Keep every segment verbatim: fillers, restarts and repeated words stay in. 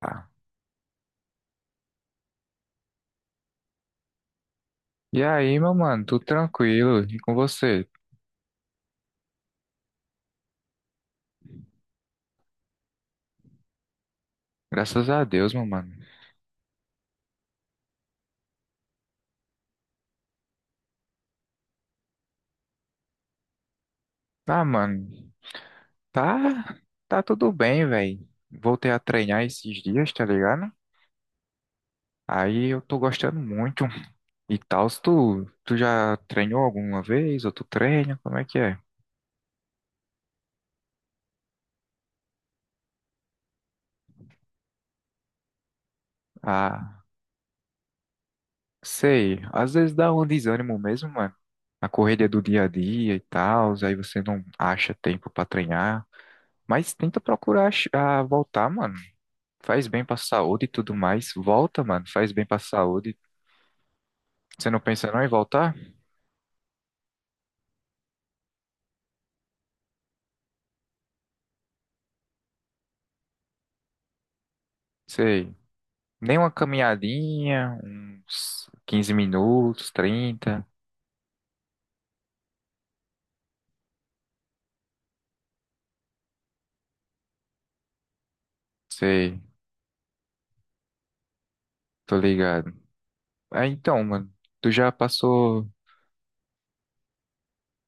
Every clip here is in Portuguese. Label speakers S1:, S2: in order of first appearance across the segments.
S1: Ah, e aí, meu mano, tudo tranquilo? E com você? Graças a Deus, meu mano. Ah, mano, tá, tá tudo bem, velho. Voltei a treinar esses dias, tá ligado? Aí eu tô gostando muito. E tal, se tu, tu já treinou alguma vez, ou tu treina, como é que é? Ah, sei, às vezes dá um desânimo mesmo, mano. A correria do dia a dia e tal, aí você não acha tempo pra treinar. Mas tenta procurar ach- ah, voltar, mano. Faz bem pra saúde e tudo mais. Volta, mano. Faz bem pra saúde. Você não pensa não em voltar? Sei. Nem uma caminhadinha, uns quinze minutos, trinta. Sei. Tô ligado. Ah, então, mano. Tu já passou.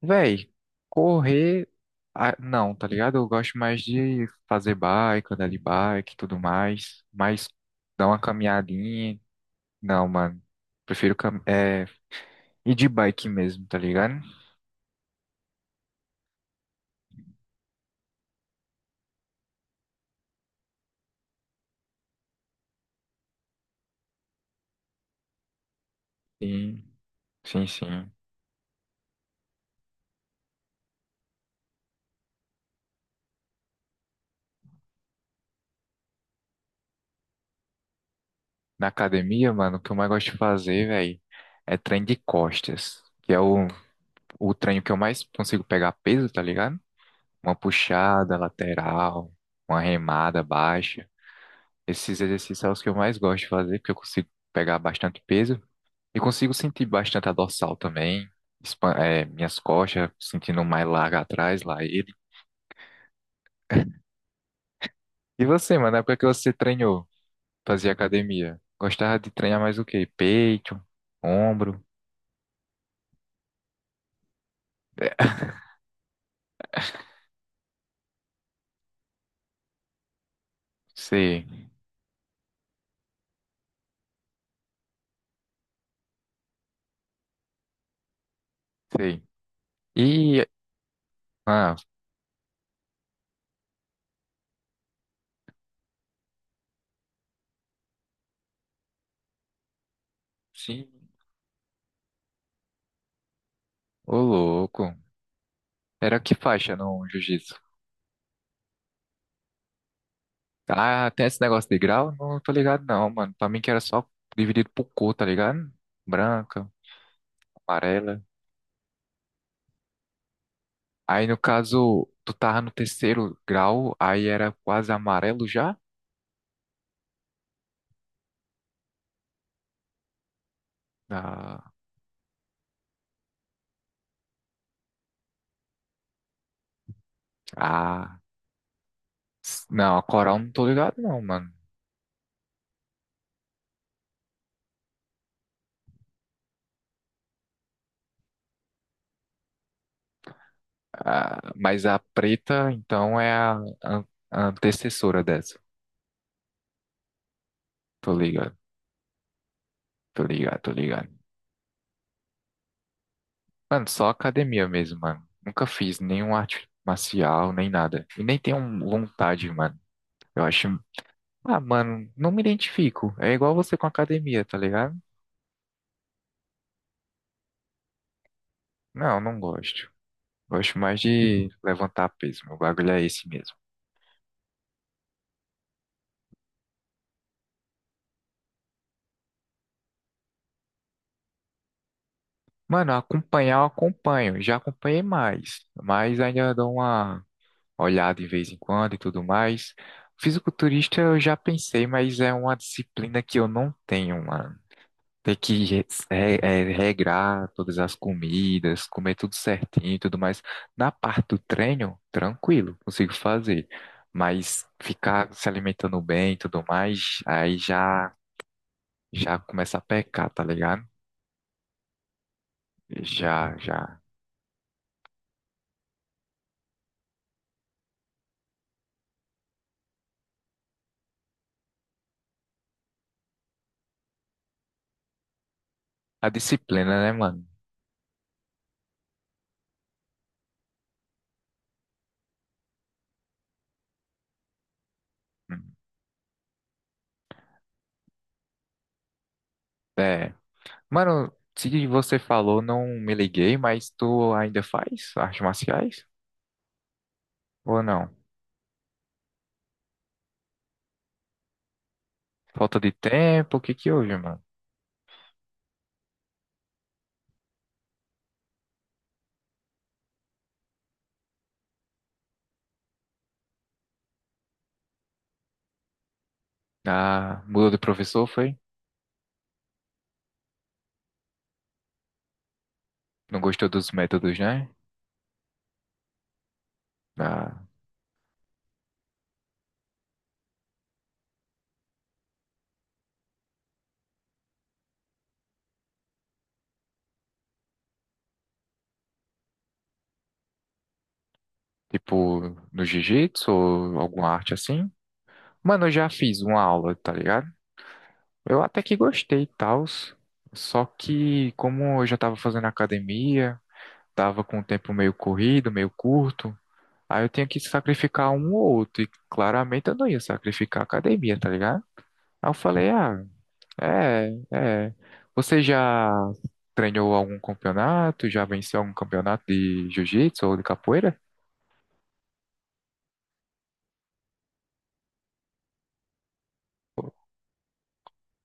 S1: Véi, correr. Ah, não, tá ligado? Eu gosto mais de fazer bike, andar de bike e tudo mais. Mas dar uma caminhadinha. Não, mano. Prefiro cam... é, ir de bike mesmo, tá ligado? Sim, sim, sim. Na academia, mano, o que eu mais gosto de fazer, velho, é treino de costas, que é o, o treino que eu mais consigo pegar peso, tá ligado? Uma puxada lateral, uma remada baixa. Esses exercícios são os que eu mais gosto de fazer, porque eu consigo pegar bastante peso e consigo sentir bastante a dorsal também, expan- eh, minhas costas, sentindo mais larga atrás, lá ele. E você, mano, na época que você treinou, fazia academia, gostava de treinar mais o quê? Peito, ombro? É, sei. Sei. E, ah, sim, ô louco. Era que faixa no jiu-jitsu? Ah, tem esse negócio de grau? Não tô ligado não, mano. Pra mim que era só dividido por cor, tá ligado? Branca, amarela. Aí no caso, tu tava no terceiro grau, aí era quase amarelo já? Ah, ah, s- não, a coral não tô ligado não, mano. Ah, mas a preta, então, é a, an- antecessora dessa. Tô ligado, tô ligado, tô ligado. Mano, só academia mesmo, mano. Nunca fiz nenhum arte marcial, nem nada. E nem tenho vontade, mano. Eu acho. Ah, mano, não me identifico. É igual você com academia, tá ligado? Não, não gosto. Gosto mais de levantar peso. Meu bagulho é esse mesmo. Mano, acompanhar eu acompanho. Já acompanhei mais. Mas ainda dou uma olhada de vez em quando e tudo mais. Fisiculturista eu já pensei, mas é uma disciplina que eu não tenho, mano. Ter que re- re- eh, regrar todas as comidas, comer tudo certinho e tudo mais. Na parte do treino, tranquilo, consigo fazer. Mas ficar se alimentando bem e tudo mais, aí já, já começa a pecar, tá ligado? Já, já. A disciplina, né, mano? Hum. É. Mano, se você falou, não me liguei, mas tu ainda faz artes marciais? Ou não? Falta de tempo, o que que houve, mano? Ah, mudou de professor, foi? Não gostou dos métodos, né? Da- tipo, no jiu-jitsu ou alguma arte assim? Mano, eu já fiz uma aula, tá ligado? Eu até que gostei e tal. Só que, como eu já tava fazendo academia, tava com o tempo meio corrido, meio curto, aí eu tinha que sacrificar um ou outro. E claramente eu não ia sacrificar a academia, tá ligado? Aí eu falei, ah, é, é. Você já treinou algum campeonato? Já venceu algum campeonato de jiu-jitsu ou de capoeira?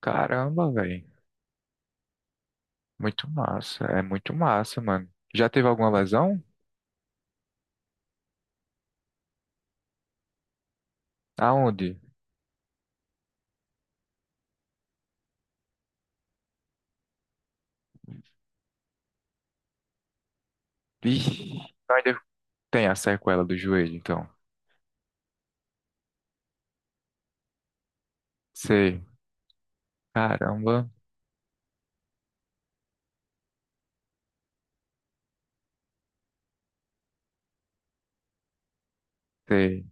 S1: Caramba, velho. Muito massa. É muito massa, mano. Já teve alguma lesão? Aonde? Ixi, então ainda tem a sequela do joelho, então. Sei. Caramba. Sei,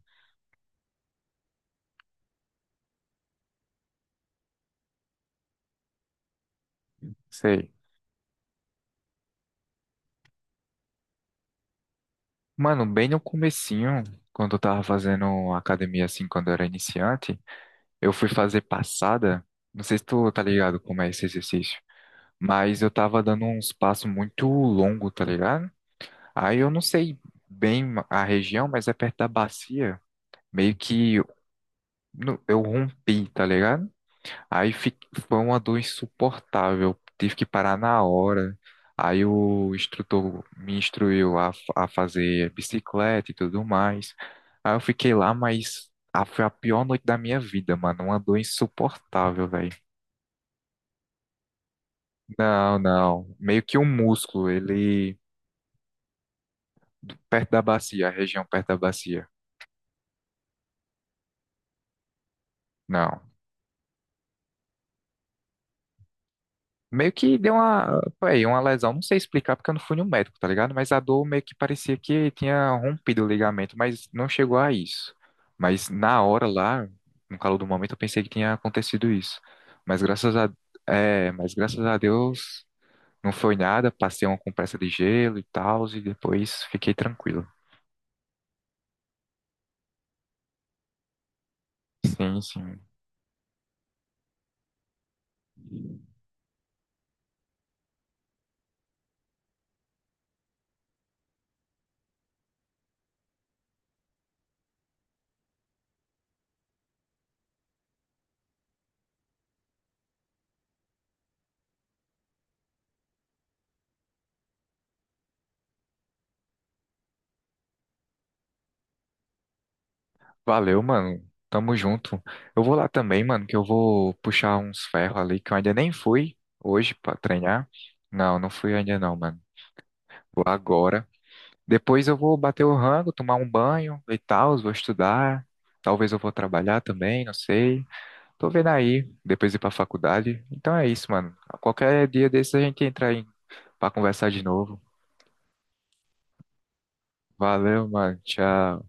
S1: sei. Mano, bem no comecinho, quando eu tava fazendo academia assim, quando eu era iniciante, eu fui fazer passada. Não sei se tu tá ligado como é esse exercício, mas eu tava dando uns passos muito longo, tá ligado? Aí eu não sei bem a região, mas é perto da bacia. Meio que não, eu rompi, tá ligado? Aí fi- foi uma dor insuportável. Tive que parar na hora. Aí o instrutor me instruiu a, fa- a fazer bicicleta e tudo mais. Aí eu fiquei lá, mas ah, foi a pior noite da minha vida, mano. Uma dor insuportável, velho. Não, não. Meio que um músculo, ele perto da bacia, a região perto da bacia. Não. Meio que deu uma, pô, aí, uma lesão, não sei explicar porque eu não fui no médico, tá ligado? Mas a dor meio que parecia que tinha rompido o ligamento, mas não chegou a isso. Mas na hora lá, no calor do momento, eu pensei que tinha acontecido isso. Mas graças a, é, mas graças a Deus não foi nada, passei uma compressa de gelo e tal, e depois fiquei tranquilo. Sim, sim. Valeu, mano. Tamo junto. Eu vou lá também, mano, que eu vou puxar uns ferros ali que eu ainda nem fui hoje pra treinar. Não, não fui ainda não, mano. Vou agora. Depois eu vou bater o rango, tomar um banho e tal, vou estudar. Talvez eu vou trabalhar também, não sei. Tô vendo aí, depois ir pra faculdade. Então é isso, mano. Qualquer dia desse a gente entra aí pra conversar de novo. Valeu, mano. Tchau.